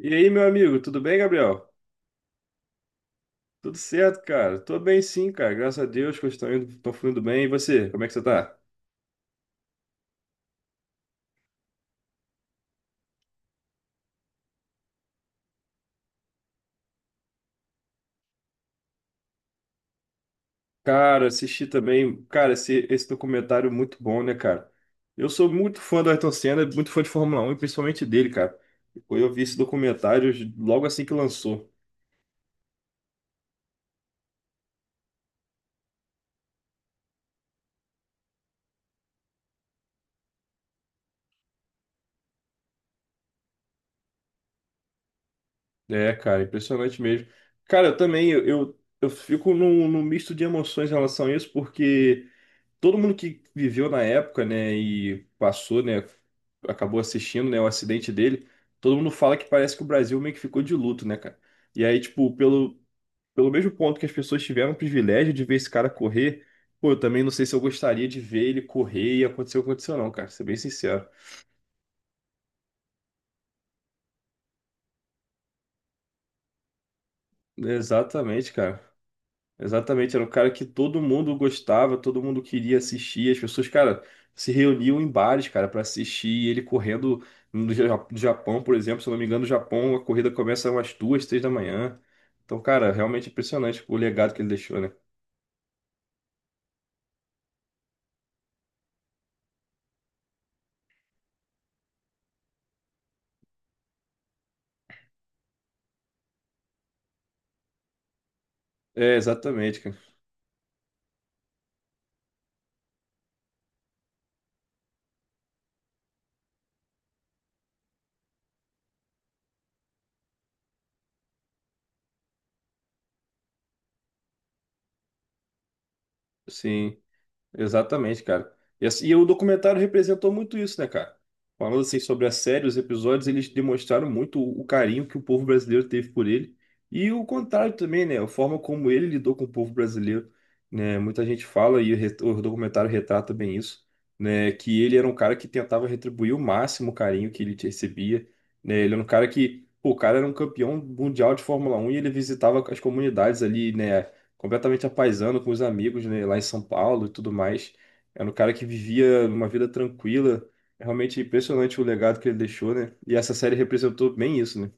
E aí, meu amigo, tudo bem, Gabriel? Tudo certo, cara? Tô bem sim, cara. Graças a Deus que eu estou indo, tô fluindo bem. E você, como é que você tá? Cara, assisti também, cara, esse documentário é muito bom, né, cara? Eu sou muito fã do Ayrton Senna, muito fã de Fórmula 1, e principalmente dele, cara. Eu vi esse documentário logo assim que lançou. É, cara, impressionante mesmo. Cara, eu também, eu fico num misto de emoções em relação a isso, porque todo mundo que viveu na época, né, e passou, né, acabou assistindo, né, o acidente dele. Todo mundo fala que parece que o Brasil meio que ficou de luto, né, cara? E aí, tipo, pelo mesmo ponto que as pessoas tiveram o privilégio de ver esse cara correr, pô, eu também não sei se eu gostaria de ver ele correr e acontecer o que aconteceu, não, cara, ser bem sincero. Exatamente, cara. Exatamente, era um cara que todo mundo gostava, todo mundo queria assistir. As pessoas, cara, se reuniam em bares, cara, para assistir. E ele correndo no Japão, por exemplo, se eu não me engano, no Japão a corrida começa umas duas, três da manhã. Então, cara, realmente impressionante o legado que ele deixou, né? É, exatamente, cara. Sim. Exatamente, cara. E o documentário representou muito isso, né, cara? Falando assim sobre a série, os episódios, eles demonstraram muito o carinho que o povo brasileiro teve por ele. E o contrário também, né? A forma como ele lidou com o povo brasileiro, né? Muita gente fala, e o documentário retrata bem isso, né? Que ele era um cara que tentava retribuir o máximo o carinho que ele recebia, né? Ele era um cara que, pô, o cara era um campeão mundial de Fórmula 1 e ele visitava as comunidades ali, né? Completamente apaisando com os amigos, né, lá em São Paulo e tudo mais. Era um cara que vivia uma vida tranquila. É realmente impressionante o legado que ele deixou, né? E essa série representou bem isso, né?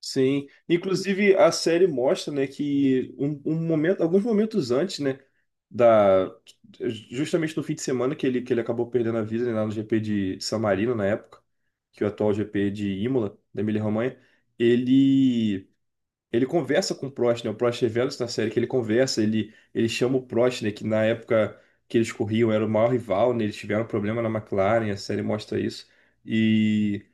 Sim. Inclusive, a série mostra, né, que um momento, alguns momentos antes, né, da justamente no fim de semana que ele acabou perdendo a vida, né, lá no GP de San Marino na época, que é o atual GP de Imola, da Emília-Romanha. ele Ele conversa com o Prost, né? O Prost revela isso na série, que ele conversa, ele chama o Prost, né? Que na época que eles corriam era o maior rival, né? Eles tiveram problema na McLaren, a série mostra isso. E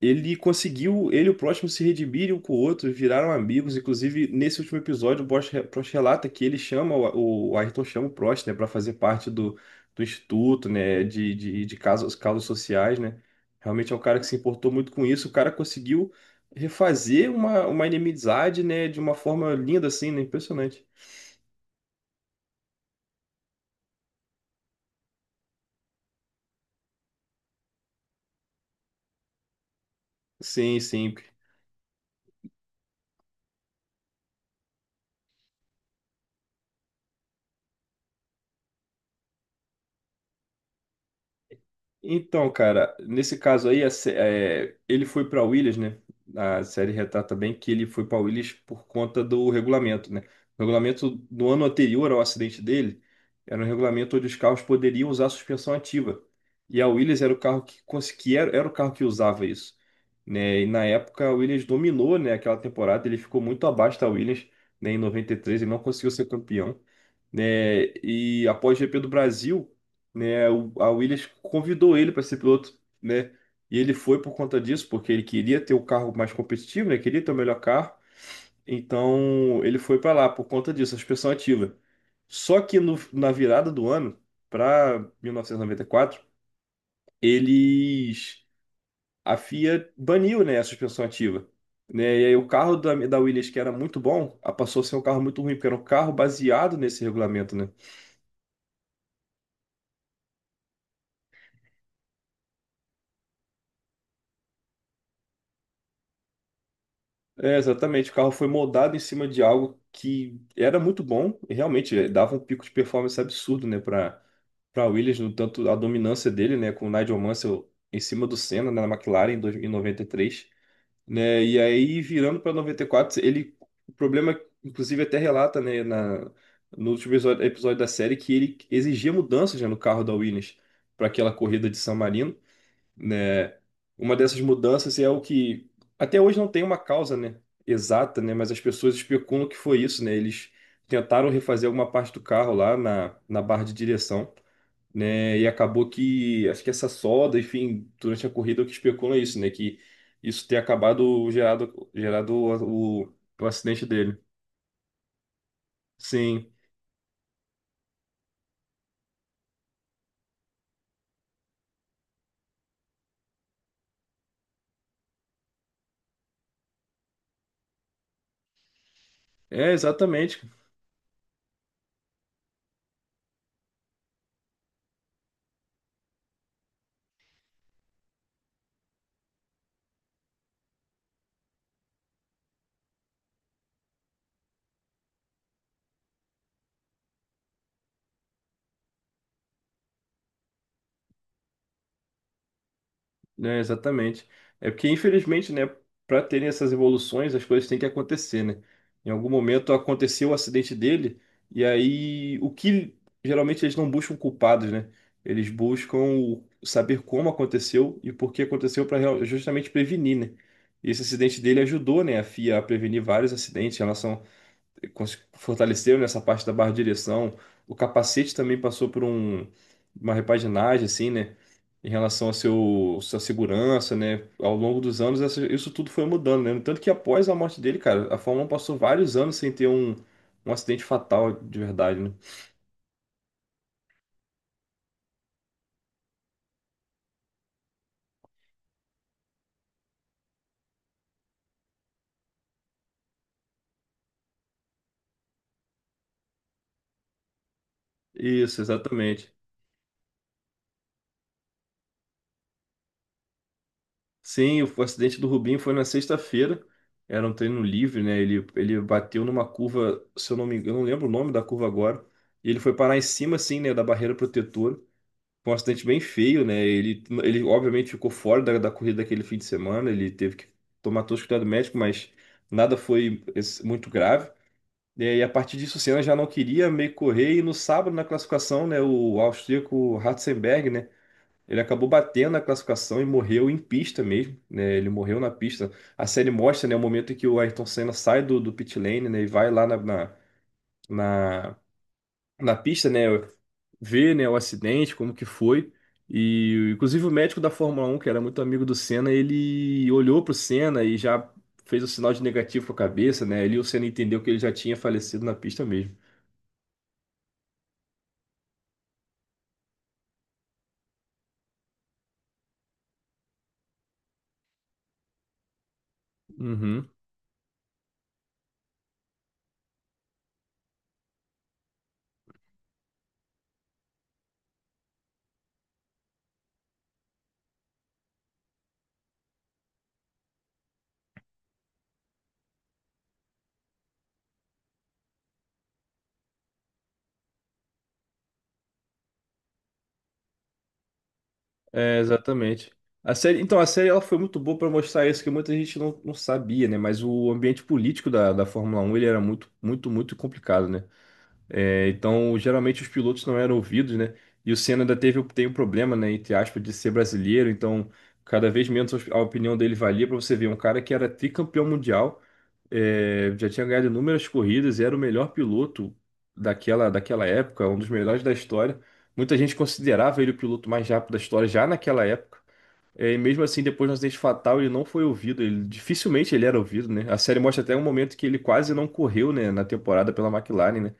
ele conseguiu, ele e o próximo se redimirem um com o outro, viraram amigos. Inclusive, nesse último episódio, Prost relata que ele chama, o Ayrton chama o Prost, né, para fazer parte do instituto, né, de casos sociais, né. Realmente é um cara que se importou muito com isso. O cara conseguiu refazer uma inimizade, né, de uma forma linda, assim, né, impressionante. Sim, sim. Então, cara, nesse caso aí, é, ele foi para Williams, né? A série retrata bem que ele foi para Williams por conta do regulamento, né? O regulamento no ano anterior ao acidente dele era um regulamento onde os carros poderiam usar suspensão ativa. E a Williams era o carro que conseguia, era o carro que usava isso, né? E na época a Williams dominou, né, aquela temporada, ele ficou muito abaixo da Williams, né, em 93 ele não conseguiu ser campeão, né? E após o GP do Brasil, né? A Williams convidou ele para ser piloto, né? E ele foi por conta disso, porque ele queria ter o carro mais competitivo, né? Queria ter o melhor carro. Então ele foi para lá por conta disso, a suspensão ativa. Só que na virada do ano, para 1994, eles a FIA baniu, né, a suspensão ativa. Né? E aí o carro da Williams, que era muito bom, passou a ser um carro muito ruim, porque era um carro baseado nesse regulamento, né? É, exatamente. O carro foi moldado em cima de algo que era muito bom e realmente dava um pico de performance absurdo, né, para Williams, no tanto a dominância dele, né, com o Nigel Mansell em cima do Senna, né, na McLaren em 93, né? E aí virando para 94, ele o problema inclusive até relata, né, na no último episódio, episódio da série que ele exigia mudanças, né, no carro da Williams para aquela corrida de San Marino, né? Uma dessas mudanças é o que até hoje não tem uma causa, né, exata, né, mas as pessoas especulam que foi isso, né? Eles tentaram refazer alguma parte do carro lá na barra de direção, né? E acabou que acho que essa solda, enfim, durante a corrida é o que especula é isso, né, que isso ter acabado gerado o acidente dele. Sim. É, exatamente, né? Exatamente. É porque, infelizmente, né, para terem essas evoluções, as coisas têm que acontecer, né? Em algum momento aconteceu o acidente dele, e aí o que geralmente eles não buscam culpados, né? Eles buscam saber como aconteceu e por que aconteceu para justamente prevenir, né? E esse acidente dele ajudou, né, a FIA a prevenir vários acidentes em relação fortaleceram nessa parte da barra de direção. O capacete também passou por uma repaginagem, assim, né? Em relação a sua segurança, né? Ao longo dos anos, isso tudo foi mudando, né? Tanto que após a morte dele, cara, a Fórmula 1 passou vários anos sem ter um acidente fatal de verdade, né? Isso, exatamente. Sim, o acidente do Rubinho foi na sexta-feira. Era um treino livre, né? Ele bateu numa curva, se eu não me engano, eu não lembro o nome da curva agora. E ele foi parar em cima, assim, né, da barreira protetora. Foi um acidente bem feio, né? Ele obviamente ficou fora da corrida daquele fim de semana, ele teve que tomar todo o cuidado médico, mas nada foi muito grave. É, e a partir disso, o Senna já não queria meio correr, e no sábado, na classificação, né, o austríaco Ratzenberger, né, ele acabou batendo na classificação e morreu em pista mesmo, né, ele morreu na pista. A série mostra, né, o momento em que o Ayrton Senna sai do pit lane, né, e vai lá na- na pista, né, ver, né, o acidente, como que foi. E inclusive o médico da Fórmula 1, que era muito amigo do Senna, ele olhou pro Senna e já fez o sinal de negativo com a cabeça, né? Ali o Senna entendeu que ele já tinha falecido na pista mesmo. Uhum. É, exatamente. A série, então, a série ela foi muito boa para mostrar isso que muita gente não sabia, né? Mas o ambiente político da Fórmula 1, ele era muito complicado, né? É, então, geralmente os pilotos não eram ouvidos, né? E o Senna ainda teve, tem um problema, né, entre aspas, de ser brasileiro, então cada vez menos a opinião dele valia para você ver um cara que era tricampeão mundial, é, já tinha ganhado inúmeras corridas, era o melhor piloto daquela época, um dos melhores da história. Muita gente considerava ele o piloto mais rápido da história já naquela época. É, e mesmo assim, depois do acidente fatal, ele não foi ouvido. Ele, dificilmente ele era ouvido, né? A série mostra até um momento que ele quase não correu, né, na temporada pela McLaren, né?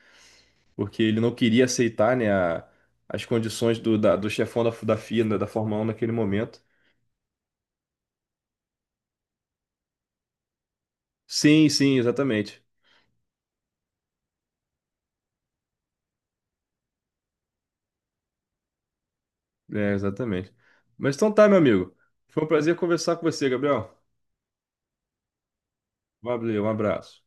Porque ele não queria aceitar, né, as condições do chefão da FIA, da Fórmula 1 naquele momento. Sim, sim, exatamente. É, exatamente. Mas então tá, meu amigo. Foi um prazer conversar com você, Gabriel. Valeu, um abraço.